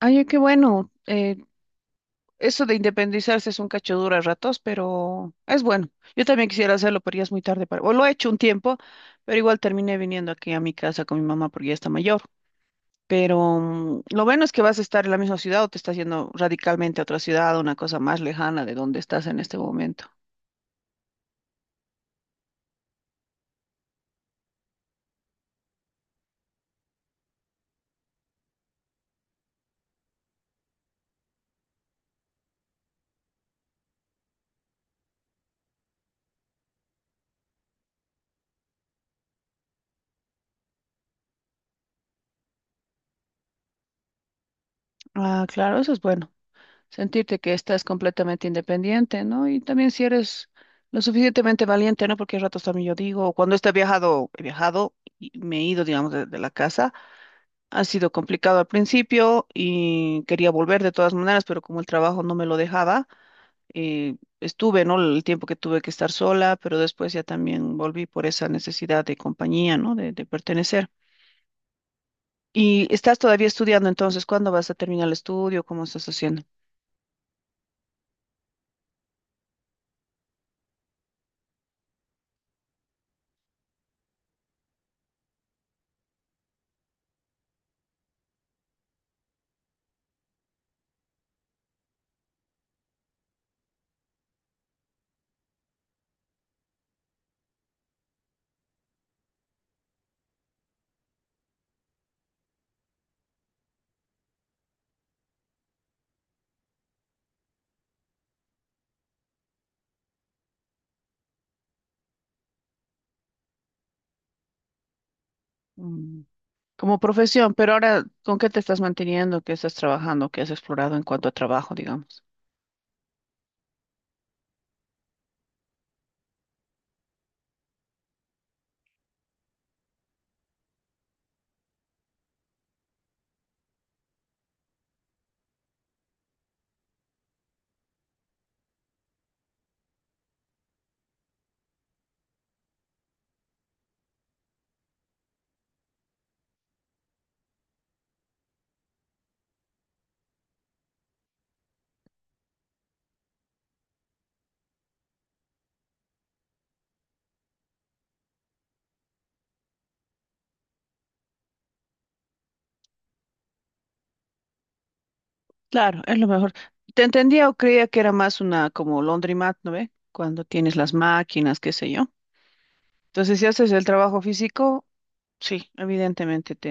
Ay, qué bueno. Eso de independizarse es un cacho duro a ratos, pero es bueno. Yo también quisiera hacerlo, pero ya es muy tarde para... O lo he hecho un tiempo, pero igual terminé viniendo aquí a mi casa con mi mamá porque ya está mayor. Pero lo bueno es que vas a estar en la misma ciudad o te estás yendo radicalmente a otra ciudad, una cosa más lejana de donde estás en este momento. Ah, claro, eso es bueno. Sentirte que estás completamente independiente, ¿no? Y también si eres lo suficientemente valiente, ¿no? Porque a ratos también yo digo, cuando he viajado y me he ido, digamos, de la casa, ha sido complicado al principio y quería volver de todas maneras, pero como el trabajo no me lo dejaba, estuve, ¿no? El tiempo que tuve que estar sola, pero después ya también volví por esa necesidad de compañía, ¿no? De pertenecer. Y estás todavía estudiando, entonces, ¿cuándo vas a terminar el estudio? ¿Cómo estás haciendo? Mm, como profesión, pero ahora, ¿con qué te estás manteniendo? ¿Qué estás trabajando? ¿Qué has explorado en cuanto a trabajo, digamos? Claro, es lo mejor. Te entendía o creía que era más una como laundromat, ¿no ve? Cuando tienes las máquinas, qué sé yo. Entonces, si haces el trabajo físico, sí, evidentemente te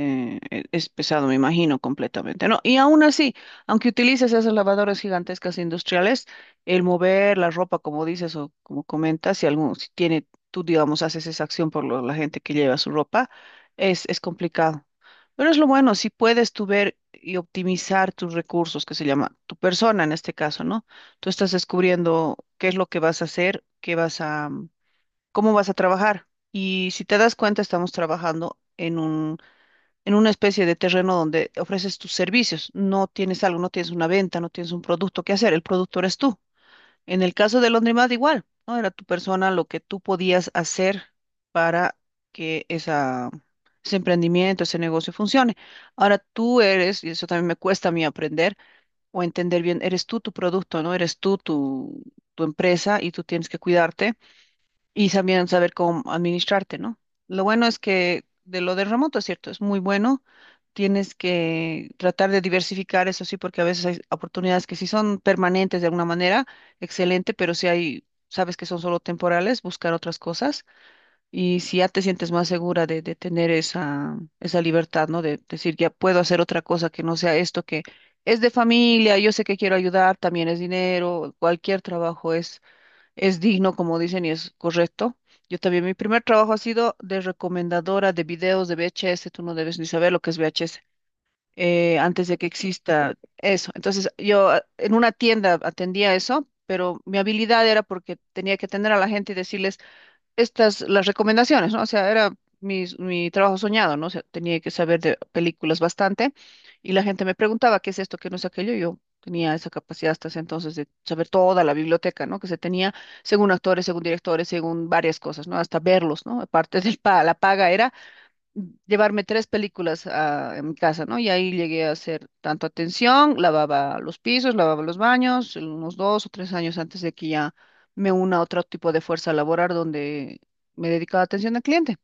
e- es pesado, me imagino, completamente, ¿no? Y aún así, aunque utilices esas lavadoras gigantescas industriales, el mover la ropa, como dices o como comentas, si tiene, tú, digamos, haces esa acción por la gente que lleva su ropa, es complicado. Pero es lo bueno, si puedes tú ver y optimizar tus recursos, que se llama tu persona en este caso, ¿no? Tú estás descubriendo qué es lo que vas a hacer, qué vas a cómo vas a trabajar. Y si te das cuenta, estamos trabajando en una especie de terreno donde ofreces tus servicios. No tienes algo, no tienes una venta, no tienes un producto que hacer. El producto eres tú. En el caso de Laundromat, igual, ¿no? Era tu persona lo que tú podías hacer para que ese emprendimiento, ese negocio funcione. Ahora tú eres, y eso también me cuesta a mí aprender o entender bien, eres tú tu producto, ¿no? Eres tu empresa y tú tienes que cuidarte y también saber cómo administrarte, ¿no? Lo bueno es que de lo de remoto, es cierto, es muy bueno. Tienes que tratar de diversificar, eso sí, porque a veces hay oportunidades que sí son permanentes de alguna manera, excelente, pero si hay, sabes que son solo temporales, buscar otras cosas. Y si ya te sientes más segura de tener esa libertad, ¿no? De decir, ya puedo hacer otra cosa que no sea esto que es de familia, yo sé que quiero ayudar, también es dinero, cualquier trabajo es digno, como dicen, y es correcto. Yo también, mi primer trabajo ha sido de recomendadora de videos de VHS. Tú no debes ni saber lo que es VHS, antes de que exista eso. Entonces, yo ah, en una tienda atendía eso, pero mi habilidad era porque tenía que atender a la gente y decirles, estas, las recomendaciones, ¿no? O sea, era mi trabajo soñado, ¿no? O sea, tenía que saber de películas bastante y la gente me preguntaba qué es esto, qué no es aquello. Y yo tenía esa capacidad hasta ese entonces de saber toda la biblioteca, ¿no? Que se tenía según actores, según directores, según varias cosas, ¿no? Hasta verlos, ¿no? Aparte de la paga era llevarme 3 películas a mi casa, ¿no? Y ahí llegué a hacer tanto atención, lavaba los pisos, lavaba los baños, unos 2 o 3 años antes de que ya me una a otro tipo de fuerza laboral donde me dedicaba a atención al cliente.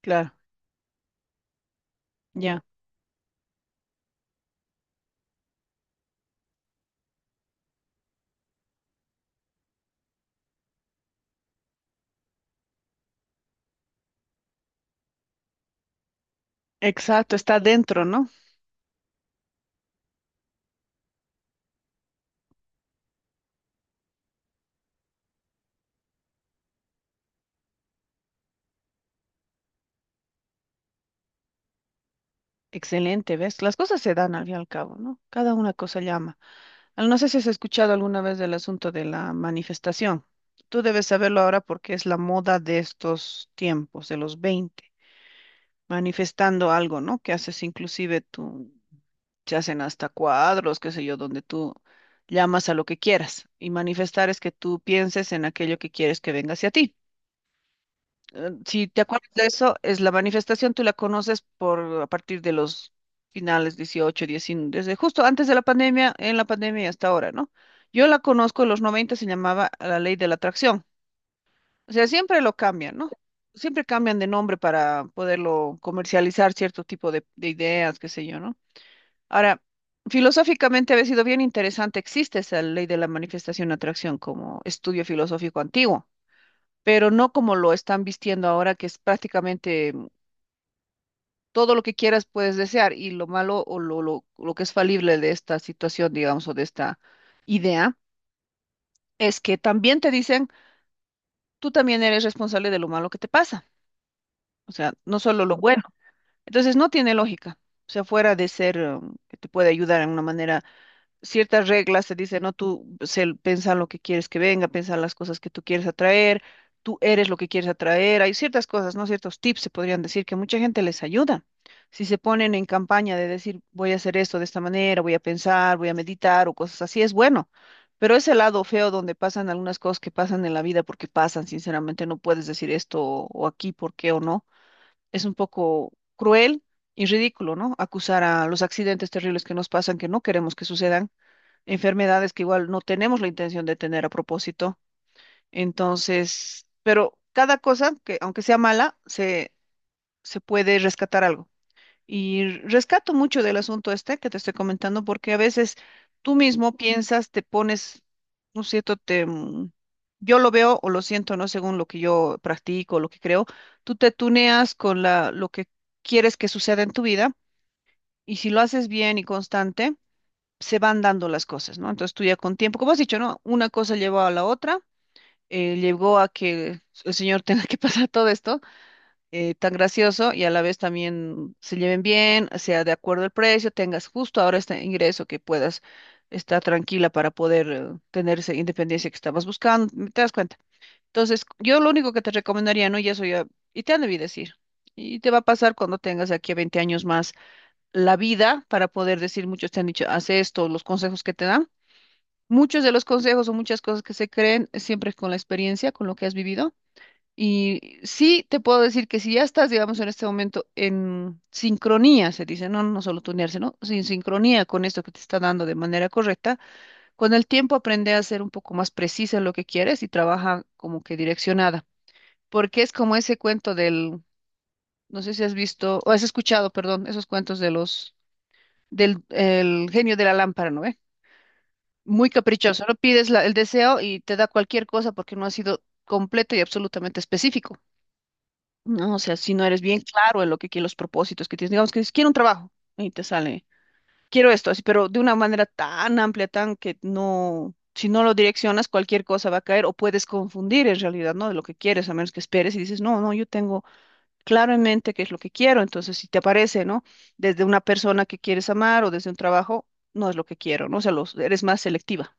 Claro, ya. Exacto, está dentro, ¿no? Excelente, ¿ves? Las cosas se dan al fin y al cabo, ¿no? Cada una cosa llama. No sé si has escuchado alguna vez del asunto de la manifestación. Tú debes saberlo ahora porque es la moda de estos tiempos, de los 20. Manifestando algo, ¿no? Que haces inclusive tú, se hacen hasta cuadros, qué sé yo, donde tú llamas a lo que quieras. Y manifestar es que tú pienses en aquello que quieres que venga hacia ti. Si te acuerdas de eso, es la manifestación, tú la conoces por a partir de los finales 18 19, desde justo antes de la pandemia, en la pandemia y hasta ahora, ¿no? Yo la conozco en los 90, se llamaba la ley de la atracción. O sea, siempre lo cambian, ¿no? Siempre cambian de nombre para poderlo comercializar cierto tipo de ideas, qué sé yo, ¿no? Ahora, filosóficamente había sido bien interesante, existe esa ley de la manifestación atracción como estudio filosófico antiguo, pero no como lo están vistiendo ahora, que es prácticamente todo lo que quieras puedes desear y lo malo o lo que es falible de esta situación, digamos, o de esta idea, es que también te dicen, tú también eres responsable de lo malo que te pasa. O sea, no solo lo bueno. Entonces no tiene lógica. O sea, fuera de ser que te puede ayudar en una manera, ciertas reglas te dicen, no, piensa lo que quieres que venga, piensa las cosas que tú quieres atraer, tú eres lo que quieres atraer. Hay ciertas cosas, ¿no? Ciertos tips se podrían decir que mucha gente les ayuda. Si se ponen en campaña de decir, voy a hacer esto de esta manera, voy a pensar, voy a meditar o cosas así, es bueno. Pero ese lado feo donde pasan algunas cosas que pasan en la vida porque pasan, sinceramente, no puedes decir esto o aquí, por qué o no, es un poco cruel y ridículo, ¿no? Acusar a los accidentes terribles que nos pasan, que no queremos que sucedan, enfermedades que igual no tenemos la intención de tener a propósito. Entonces, pero cada cosa que, aunque sea mala, se puede rescatar algo. Y rescato mucho del asunto este que te estoy comentando, porque a veces tú mismo piensas, te pones, no es cierto, yo lo veo o lo siento, ¿no? Según lo que yo practico, lo que creo, tú te tuneas con lo que quieres que suceda en tu vida y si lo haces bien y constante, se van dando las cosas, ¿no? Entonces tú ya con tiempo, como has dicho, ¿no? Una cosa llevó a la otra, llegó a que el Señor tenga que pasar todo esto tan gracioso y a la vez también se lleven bien, sea de acuerdo el precio, tengas justo ahora este ingreso que puedas estar tranquila para poder tener esa independencia que estabas buscando, ¿te das cuenta? Entonces, yo lo único que te recomendaría, ¿no? Y eso ya, y te han debido decir, y te va a pasar cuando tengas de aquí a 20 años más, la vida para poder decir, muchos te han dicho, haz esto, los consejos que te dan. Muchos de los consejos o muchas cosas que se creen siempre con la experiencia, con lo que has vivido y sí, te puedo decir que si ya estás, digamos, en este momento en sincronía, se dice, no, no solo tunearse, ¿no? Sin sincronía con esto que te está dando de manera correcta, con el tiempo aprende a ser un poco más precisa en lo que quieres y trabaja como que direccionada. Porque es como ese cuento del, no sé si has visto, o has escuchado, perdón, esos cuentos de los, del el genio de la lámpara, ¿no? Eh, muy caprichoso, no pides el deseo y te da cualquier cosa porque no ha sido completo y absolutamente específico. No, o sea, si no eres bien claro en lo que quieres, los propósitos que tienes, digamos que dices, quiero un trabajo y te sale, quiero esto, así, pero de una manera tan amplia, tan que no, si no lo direccionas, cualquier cosa va a caer o puedes confundir en realidad, ¿no? De lo que quieres, a menos que esperes y dices, no, no, yo tengo claro en mente qué es lo que quiero, entonces si te aparece, ¿no? Desde una persona que quieres amar o desde un trabajo, no es lo que quiero, ¿no? O sea, los, eres más selectiva.